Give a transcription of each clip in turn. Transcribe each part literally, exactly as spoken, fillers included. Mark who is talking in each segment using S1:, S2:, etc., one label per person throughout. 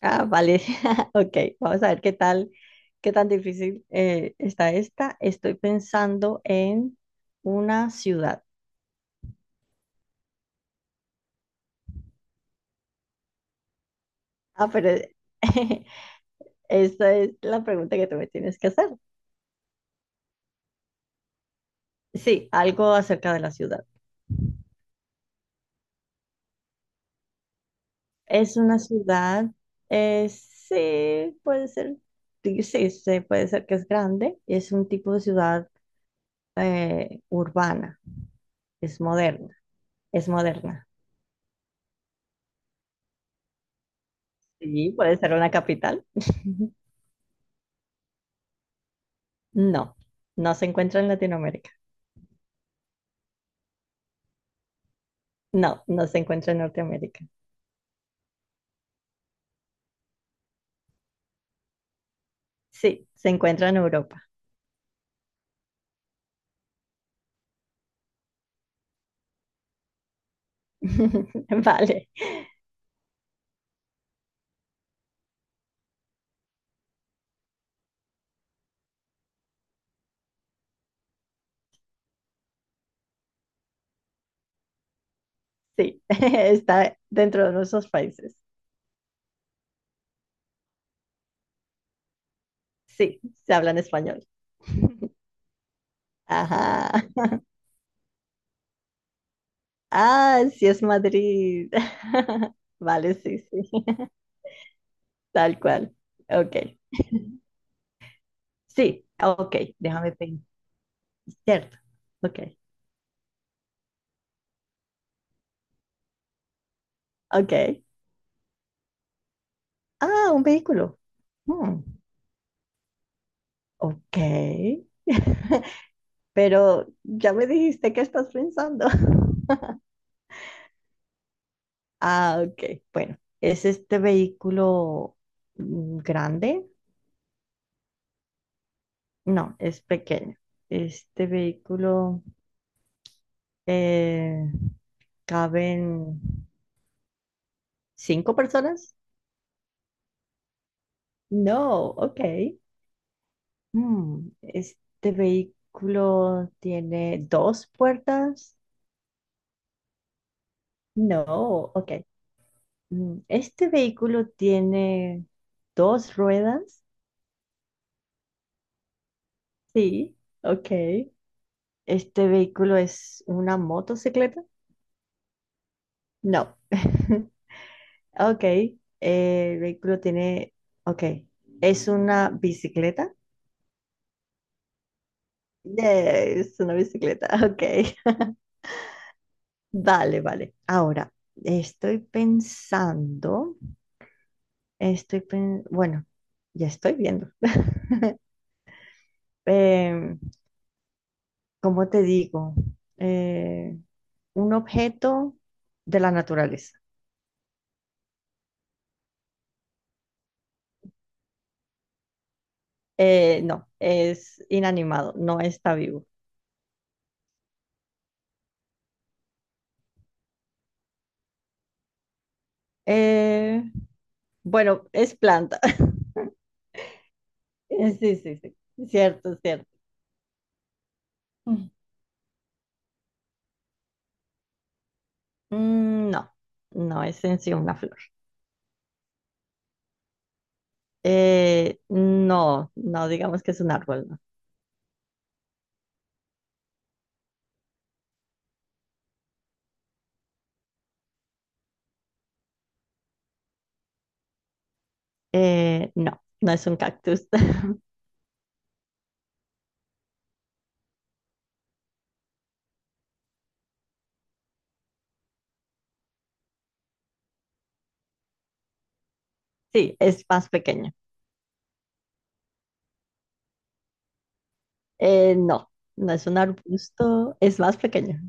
S1: Ah, vale. Ok, vamos a ver qué tal, qué tan difícil eh, está esta. Estoy pensando en una ciudad. Ah, pero esta es la pregunta que tú me tienes que hacer. Sí, algo acerca de la ciudad. Es una ciudad, eh, sí, puede ser, sí, sí, sí, puede ser que es grande. Es un tipo de ciudad eh, urbana, es moderna, es moderna. Sí, puede ser una capital. No, no se encuentra en Latinoamérica. No, no se encuentra en Norteamérica. Sí, se encuentra en Europa. Vale, sí, está dentro de nuestros países. Sí, se habla en español. Ajá. Ah, sí es Madrid. Vale, sí, sí, tal cual. Ok, sí, ok, déjame pensar. Cierto, ok, ok. Ah, un vehículo. Hmm, ok. pero ya me dijiste que estás pensando. Ah, ok. Bueno, ¿es este vehículo mm, grande? No, es pequeño. Este vehículo eh, caben cinco personas. No, ok. Mm, ¿este vehículo tiene dos puertas? No, ok. Mm, ¿este vehículo tiene dos ruedas? Sí, ok. ¿Este vehículo es una motocicleta? No. Ok. Eh, el vehículo tiene... Ok. ¿Es una bicicleta? Yes, es una bicicleta. Ok. Vale, vale. Ahora, estoy pensando, estoy pen- bueno, ya estoy viendo. Em, ¿cómo te digo? Eh, un objeto de la naturaleza. Eh, no, es inanimado, no está vivo. Eh, Bueno, es planta. Sí, sí, sí. Cierto, cierto. Mm. Mm, no, no es en sí una flor. Eh, no, no digamos que es un árbol, no. Eh, no, no es un cactus. Sí, es más pequeño. Eh, no, no es un arbusto, es más pequeño.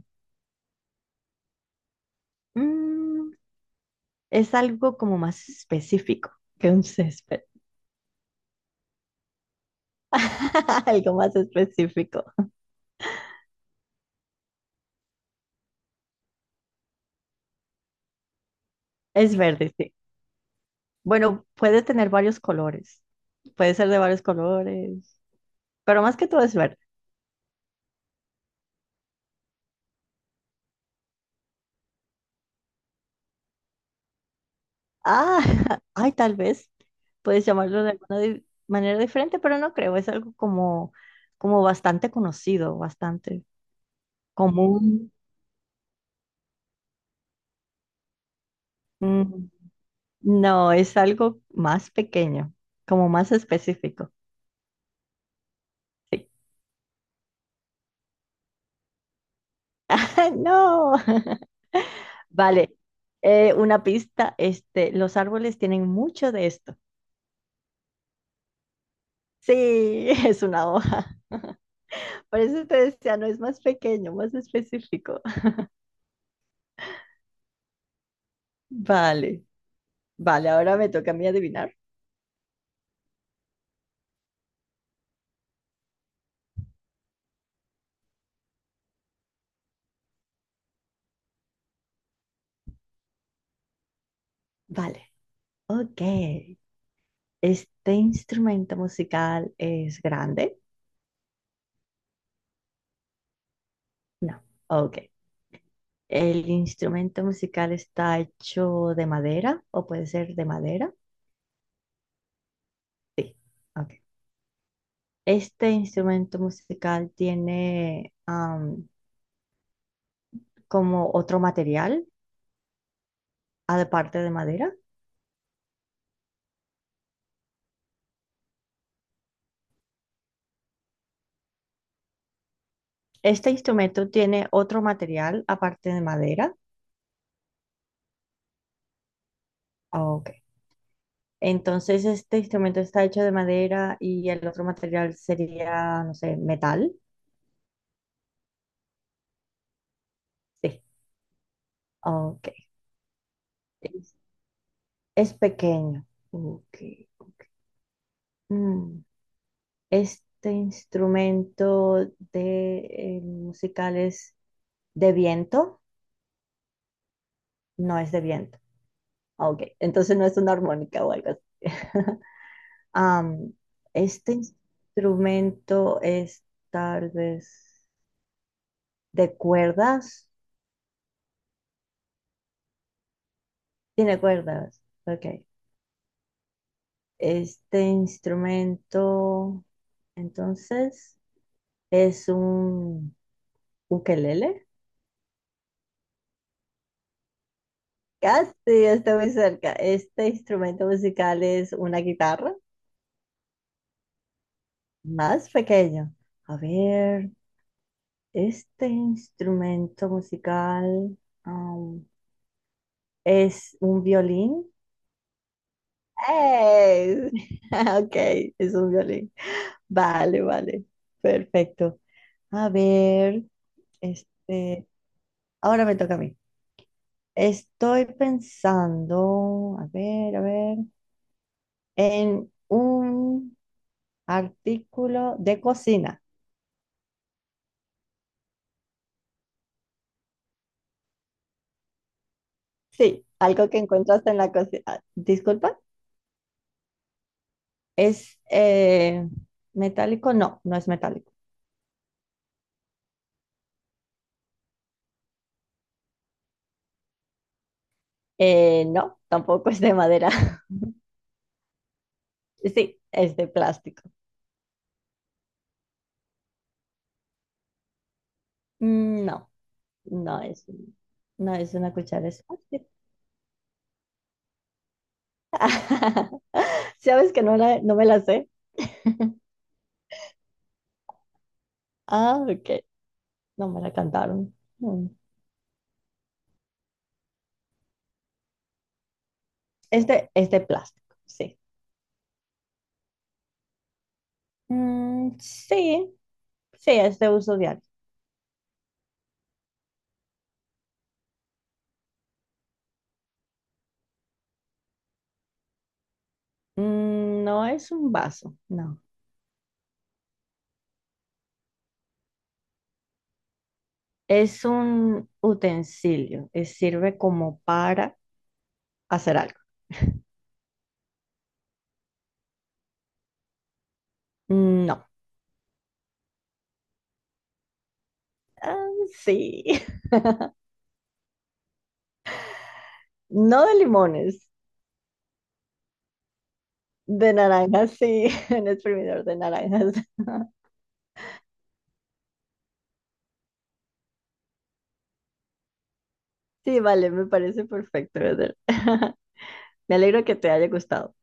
S1: Mm, es algo como más específico que un césped. Algo más específico. Es verde, sí. Bueno, puede tener varios colores. Puede ser de varios colores. pero más que todo es ver. Ah, ay, tal vez puedes llamarlo de alguna di- manera diferente, pero no creo, es algo como, como bastante conocido, bastante común. Mm, No, es algo más pequeño, como más específico. Sí. ¡Ah, no. Vale, eh, una pista, este, los árboles tienen mucho de esto. Sí, es una hoja. Por eso te decía, no es más pequeño, más específico. Vale. Vale, ahora me toca a mí adivinar. Vale, ok. ¿Este instrumento musical es grande? No, ok. ¿El instrumento musical está hecho de madera o puede ser de madera? Sí, ok. ¿Este instrumento musical tiene am, como otro material aparte de madera? ¿Este instrumento tiene otro material aparte de madera? Ok. Entonces, este instrumento está hecho de madera y el otro material sería, no sé, metal. Sí. Ok. Es, es pequeño. Ok. Mm, Este instrumento de eh, musical es de viento. No es de viento. Ok. Entonces no es una armónica o algo así. Am, este instrumento es tal vez de cuerdas. Tiene cuerdas. Ok. Este instrumento, entonces, es un ukelele. Casi está muy cerca. Este instrumento musical es una guitarra más pequeña. A ver, este instrumento musical, um, es un violín. ¡Ey! Ok, es un violín. Vale, vale. Perfecto. A ver, este, ahora me toca a mí. Estoy pensando, a ver, a ver, en un artículo de cocina. Sí, algo que encontraste en la cocina. Ah, Disculpa, ¿es eh, metálico? No, no es metálico. Eh, no, tampoco es de madera. Sí, es de plástico. Mm, No, no es, no es una cuchara, es plástico. ¿Sabes que no, la- no me la sé? Ah, ok, no me la cantaron. Mm. Es de, es de plástico, sí. Mm, sí, sí, es de uso diario. Mm, no es un vaso, no. Es un utensilio. Es sirve como para hacer algo. No. Ah, sí. No de limones, de naranjas, sí. Un exprimidor de naranjas. Sí, vale, me parece perfecto, Eder. Me alegro que te haya gustado.